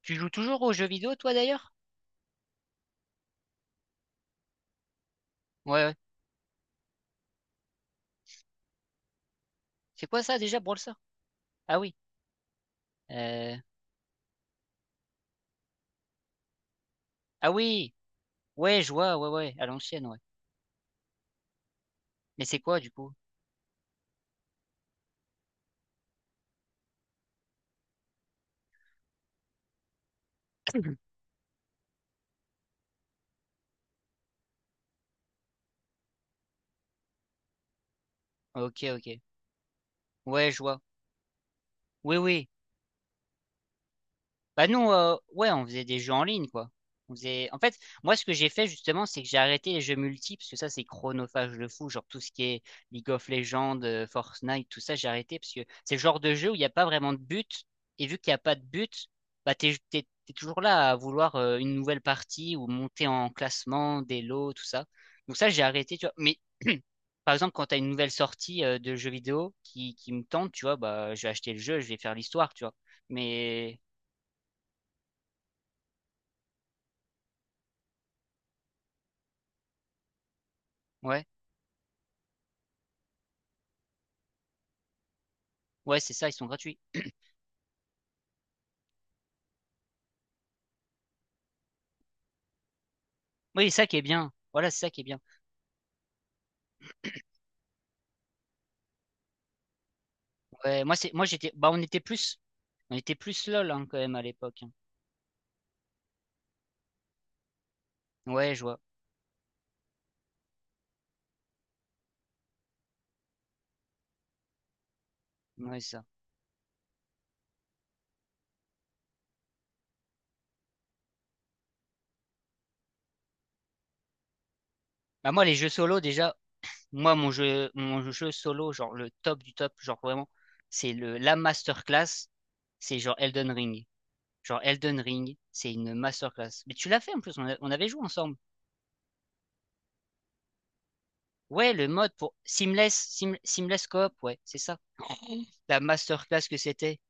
Tu joues toujours aux jeux vidéo, toi d'ailleurs? Ouais, ouais. C'est quoi ça déjà, Brawl Stars? Ah oui. Euh... Ah oui. Ouais, je vois, ouais, ouais, à l'ancienne, ouais. Mais c'est quoi du coup? Ok, ok. Ouais, je vois. Oui, oui. Bah nous, ouais, on faisait des jeux en ligne, quoi. On faisait... En fait, moi, ce que j'ai fait, justement, c'est que j'ai arrêté les jeux multi, parce que ça, c'est chronophage de fou, genre tout ce qui est League of Legends, Fortnite, tout ça, j'ai arrêté, parce que c'est le genre de jeu où il n'y a pas vraiment de but, et vu qu'il n'y a pas de but, bah t'es toujours là à vouloir une nouvelle partie, ou monter en classement, des lots, tout ça. Donc ça, j'ai arrêté, tu vois. Mais, par exemple, quand t'as une nouvelle sortie de jeux vidéo qui me tente, tu vois, bah je vais acheter le jeu, je vais faire l'histoire, tu vois. Mais... ouais. Ouais, c'est ça, ils sont gratuits. Oui, c'est ça qui est bien. Voilà, c'est ça qui est bien. Ouais, moi c'est moi j'étais, bah, on était plus LOL, hein, quand même à l'époque. Hein. Ouais, je vois. Ouais, c'est ça. Bah moi les jeux solo déjà, moi mon jeu solo genre le top du top, genre vraiment, c'est le la masterclass, c'est genre Elden Ring. Genre Elden Ring, c'est une masterclass. Mais tu l'as fait en plus, on avait joué ensemble. Ouais, le mode pour Seamless, Seamless Coop, ouais, c'est ça. Oh, la masterclass que c'était.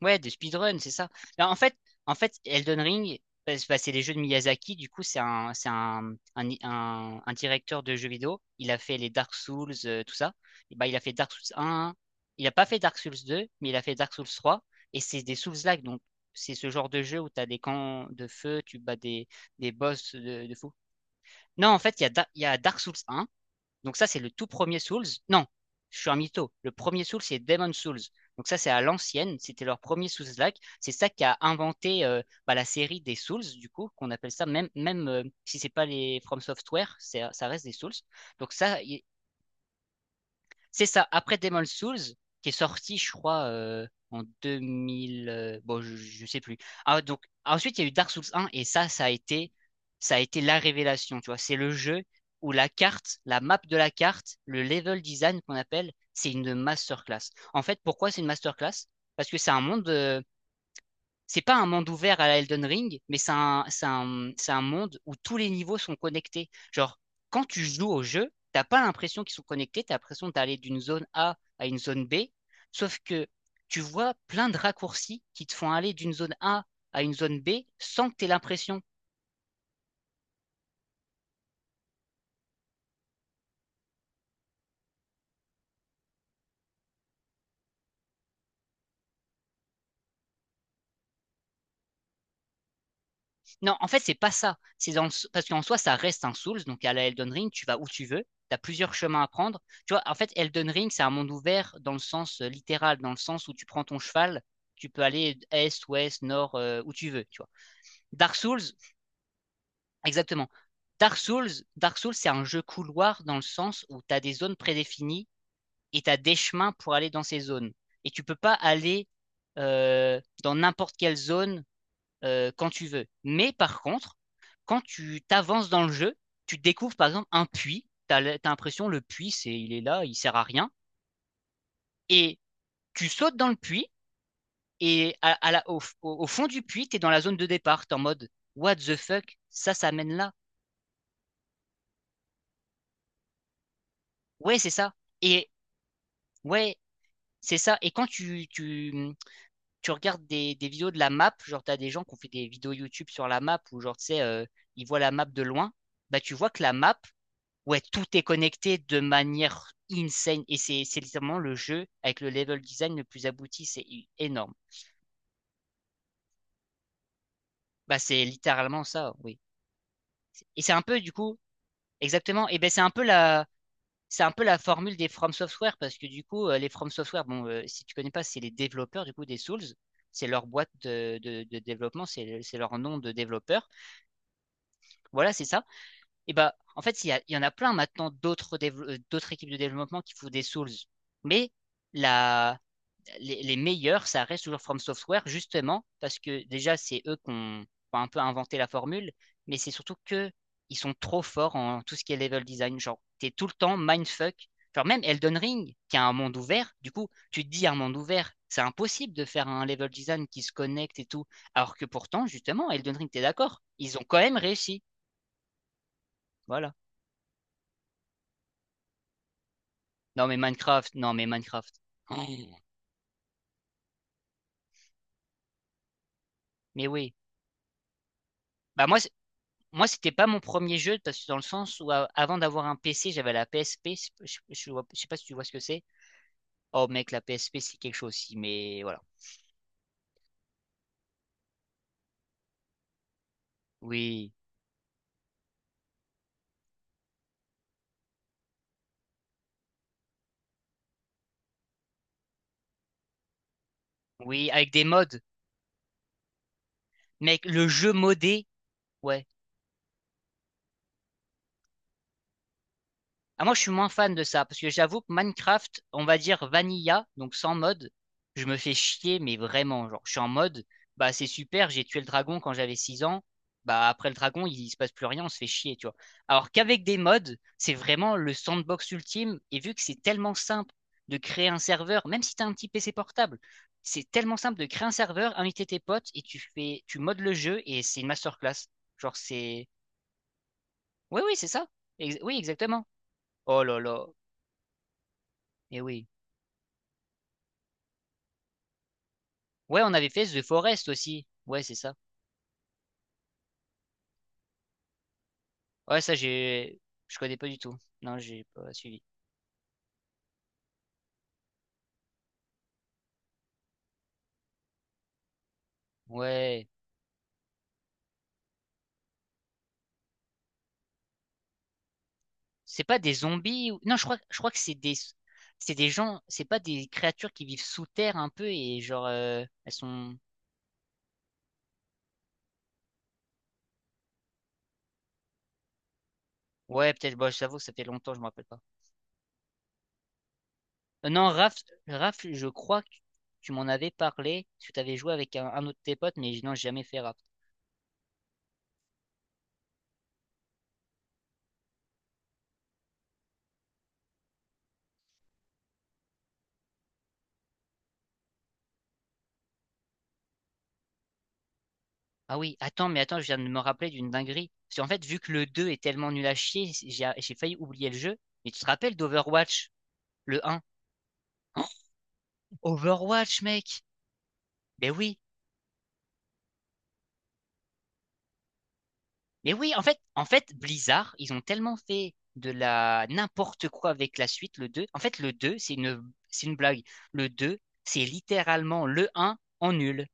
Ouais, de speedrun, c'est ça. Là, en fait, Elden Ring, bah, c'est les jeux de Miyazaki. Du coup, c'est un directeur de jeux vidéo. Il a fait les Dark Souls, tout ça. Et bah, il a fait Dark Souls un. Il a pas fait Dark Souls deux, mais il a fait Dark Souls trois. Et c'est des Souls-like. Donc, c'est ce genre de jeu où tu as des camps de feu, tu bats des boss de fou. Non, en fait, il y a Dark Souls un. Donc ça, c'est le tout premier Souls. Non, je suis un mytho. Le premier Souls, c'est Demon Souls. Donc ça, c'est à l'ancienne. C'était leur premier Souls-like. C'est ça qui a inventé bah, la série des Souls, du coup, qu'on appelle ça, même si c'est pas les From Software, ça reste des Souls. Donc ça, c'est ça. Après Demon Souls, qui est sorti, je crois, en 2000. Bon, je sais plus. Ah, donc, ensuite, il y a eu Dark Souls 1, et ça, ça a été la révélation. Tu vois, c'est le jeu où la carte, la map de la carte, le level design qu'on appelle, c'est une masterclass. En fait, pourquoi c'est une masterclass? Parce que c'est pas un monde ouvert à la Elden Ring, mais c'est un monde où tous les niveaux sont connectés. Genre, quand tu joues au jeu, t'as pas l'impression qu'ils sont connectés, t'as l'impression d'aller d'une zone A à une zone B, sauf que tu vois plein de raccourcis qui te font aller d'une zone A à une zone B sans que t'aies l'impression. Non, en fait, c'est pas ça. C'est dans le s- Parce qu'en soi, ça reste un Souls, donc à la Elden Ring, tu vas où tu veux, tu as plusieurs chemins à prendre. Tu vois, en fait, Elden Ring, c'est un monde ouvert dans le sens littéral, dans le sens où tu prends ton cheval, tu peux aller est, ouest, nord, où tu veux, tu vois. Dark Souls, exactement. Dark Souls, c'est un jeu couloir dans le sens où tu as des zones prédéfinies et tu as des chemins pour aller dans ces zones. Et tu peux pas aller dans n'importe quelle zone quand tu veux. Mais par contre, quand tu t'avances dans le jeu, tu découvres par exemple un puits. Tu as l'impression le puits, c'est il est là, il sert à rien. Et tu sautes dans le puits et au fond du puits, tu es dans la zone de départ. Tu es en mode what the fuck. Ça mène là. Ouais, c'est ça. Et ouais, c'est ça. Et quand tu regardes des vidéos de la map, genre tu as des gens qui ont fait des vidéos YouTube sur la map où genre tu sais, ils voient la map de loin, bah tu vois que la map, ouais, tout est connecté de manière insane. Et c'est littéralement le jeu avec le level design le plus abouti. C'est énorme. Bah, c'est littéralement ça, oui. Et c'est un peu, du coup, exactement. Et ben, c'est un peu la formule des From Software parce que, du coup, les From Software, bon, si tu connais pas, c'est les développeurs, du coup, des Souls. C'est leur boîte de développement, c'est leur nom de développeur. Voilà, c'est ça. Et bah, en fait, il y en a plein maintenant d'autres équipes de développement qui font des Souls. Mais la, les meilleurs, ça reste toujours From Software, justement, parce que déjà, c'est eux qui ont enfin, un peu inventé la formule, mais c'est surtout que ils sont trop forts en tout ce qui est level design. Genre, t'es tout le temps mindfuck. Genre, même Elden Ring, qui a un monde ouvert, du coup, tu te dis un monde ouvert, c'est impossible de faire un level design qui se connecte et tout. Alors que pourtant, justement, Elden Ring, t'es d'accord, ils ont quand même réussi. Voilà. Non, mais Minecraft, non, mais Minecraft. Oh, mais oui. Bah, moi, c'était pas mon premier jeu parce que dans le sens où avant d'avoir un PC, j'avais la PSP. Je sais pas si tu vois ce que c'est. Oh mec, la PSP c'est quelque chose aussi, mais voilà. Oui, oui, avec des mods. Mec, le jeu modé, ouais. Ah, moi, je suis moins fan de ça, parce que j'avoue que Minecraft, on va dire vanilla, donc sans mode, je me fais chier, mais vraiment, genre, je suis en mode, bah c'est super, j'ai tué le dragon quand j'avais 6 ans, bah après le dragon, il se passe plus rien, on se fait chier, tu vois. Alors qu'avec des mods, c'est vraiment le sandbox ultime, et vu que c'est tellement simple de créer un serveur, même si t'as un petit PC portable, c'est tellement simple de créer un serveur, inviter tes potes, et tu fais, tu modes le jeu, et c'est une masterclass. Genre, c'est... Oui, oui, c'est ça. Oui, exactement. Oh là là. Et oui. Ouais, on avait fait The Forest aussi. Ouais, c'est ça. Ouais, je connais pas du tout. Non, j'ai pas suivi. Ouais. C'est pas des zombies ou... Non, je crois que c'est des gens, c'est pas des créatures qui vivent sous terre un peu et genre, elles sont. Ouais, peut-être, bah, j'avoue, ça fait longtemps, je me rappelle pas. Non, Raph, je crois que tu m'en avais parlé, parce que t'avais joué avec un autre de tes potes, mais non, j'ai jamais fait Raph. Ah oui, attends, mais attends, je viens de me rappeler d'une dinguerie. Parce qu'en fait, vu que le deux est tellement nul à chier, j'ai failli oublier le jeu. Mais tu te rappelles d'Overwatch, le un? Oh, Overwatch, mec! Mais oui, en fait, Blizzard, ils ont tellement fait de la n'importe quoi avec la suite, le 2. En fait, le 2, c'est une blague. Le 2, c'est littéralement le un en nul.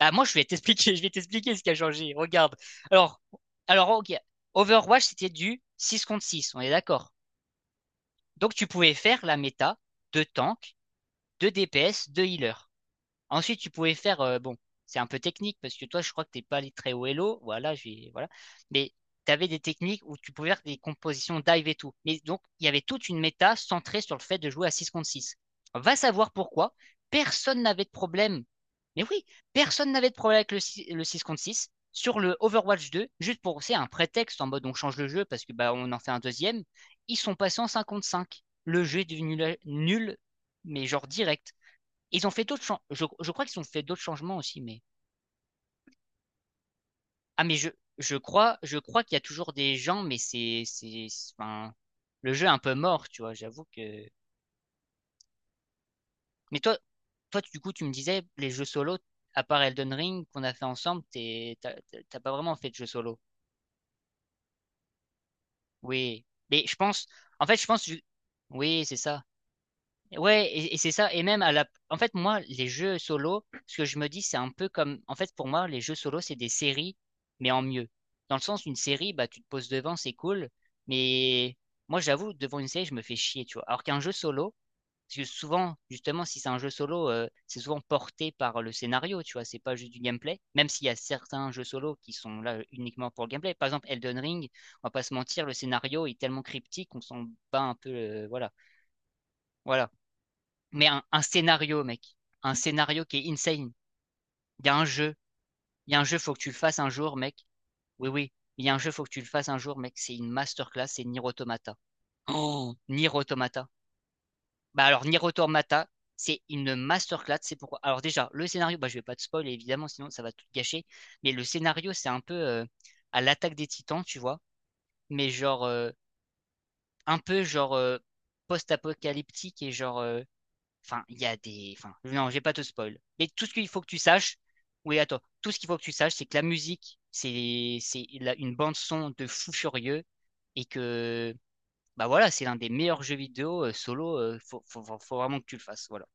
Ah, moi, je vais t'expliquer ce qui a changé. Regarde. Alors, ok. Overwatch, c'était du 6 contre 6, on est d'accord? Donc tu pouvais faire la méta de tank, de DPS, de healer. Ensuite, tu pouvais faire, bon, c'est un peu technique parce que toi, je crois que t'es pas allé très haut Elo, voilà, voilà. Mais tu avais des techniques où tu pouvais faire des compositions dive et tout. Mais donc, il y avait toute une méta centrée sur le fait de jouer à 6 contre 6. Va savoir pourquoi. Personne n'avait de problème. Mais oui, personne n'avait de problème avec le, si- le 6 contre 6 sur le Overwatch 2, juste pour, c'est un prétexte en mode on change le jeu parce que bah on en fait un deuxième, ils sont passés en cinq contre cinq. Le jeu est devenu nul, mais genre direct. Ils ont fait d'autres changements. Je crois qu'ils ont fait d'autres changements aussi, mais. Ah, mais je crois qu'il y a toujours des gens, mais enfin, le jeu est un peu mort, tu vois, j'avoue que. Mais toi, du coup, tu me disais, les jeux solo, à part Elden Ring qu'on a fait ensemble, t'as pas vraiment fait de jeu solo. Oui. Mais je pense, en fait, je pense, que- oui, c'est ça. Ouais, et c'est ça. Et même en fait, moi, les jeux solo, ce que je me dis, c'est un peu comme, en fait, pour moi, les jeux solo, c'est des séries, mais en mieux. Dans le sens, une série, bah, tu te poses devant, c'est cool. Mais moi, j'avoue, devant une série, je me fais chier, tu vois. Alors qu'un jeu solo, parce que souvent, justement, si c'est un jeu solo, c'est souvent porté par le scénario, tu vois. C'est pas juste du gameplay. Même s'il y a certains jeux solo qui sont là uniquement pour le gameplay. Par exemple, Elden Ring, on va pas se mentir, le scénario est tellement cryptique qu'on s'en bat un peu, voilà. Voilà, mais un scénario, mec. Un scénario qui est insane. Il y a un jeu. Il y a un jeu, faut que tu le fasses un jour, mec. Oui, oui. Il y a un jeu, faut que tu le fasses un jour, mec. C'est une masterclass, c'est Nier Automata. Oh, Nier Automata. Bah alors, Nier Automata, c'est une masterclass. C'est pourquoi. Alors déjà, le scénario, bah je vais pas te spoiler, évidemment, sinon ça va tout gâcher. Mais le scénario, c'est un peu à l'attaque des Titans, tu vois. Mais genre, un peu genre post-apocalyptique et genre enfin, il y a des. Enfin, non, je vais pas te spoil. Mais tout ce qu'il faut que tu saches. Oui, attends. Tout ce qu'il faut que tu saches, c'est que la musique, c'est une bande son de fou furieux et que bah voilà, c'est l'un des meilleurs jeux vidéo solo. Faut, faut faut vraiment que tu le fasses. Voilà.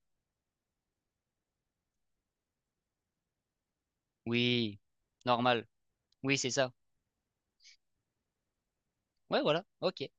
Oui, normal. Oui, c'est ça. Ouais, voilà. Ok.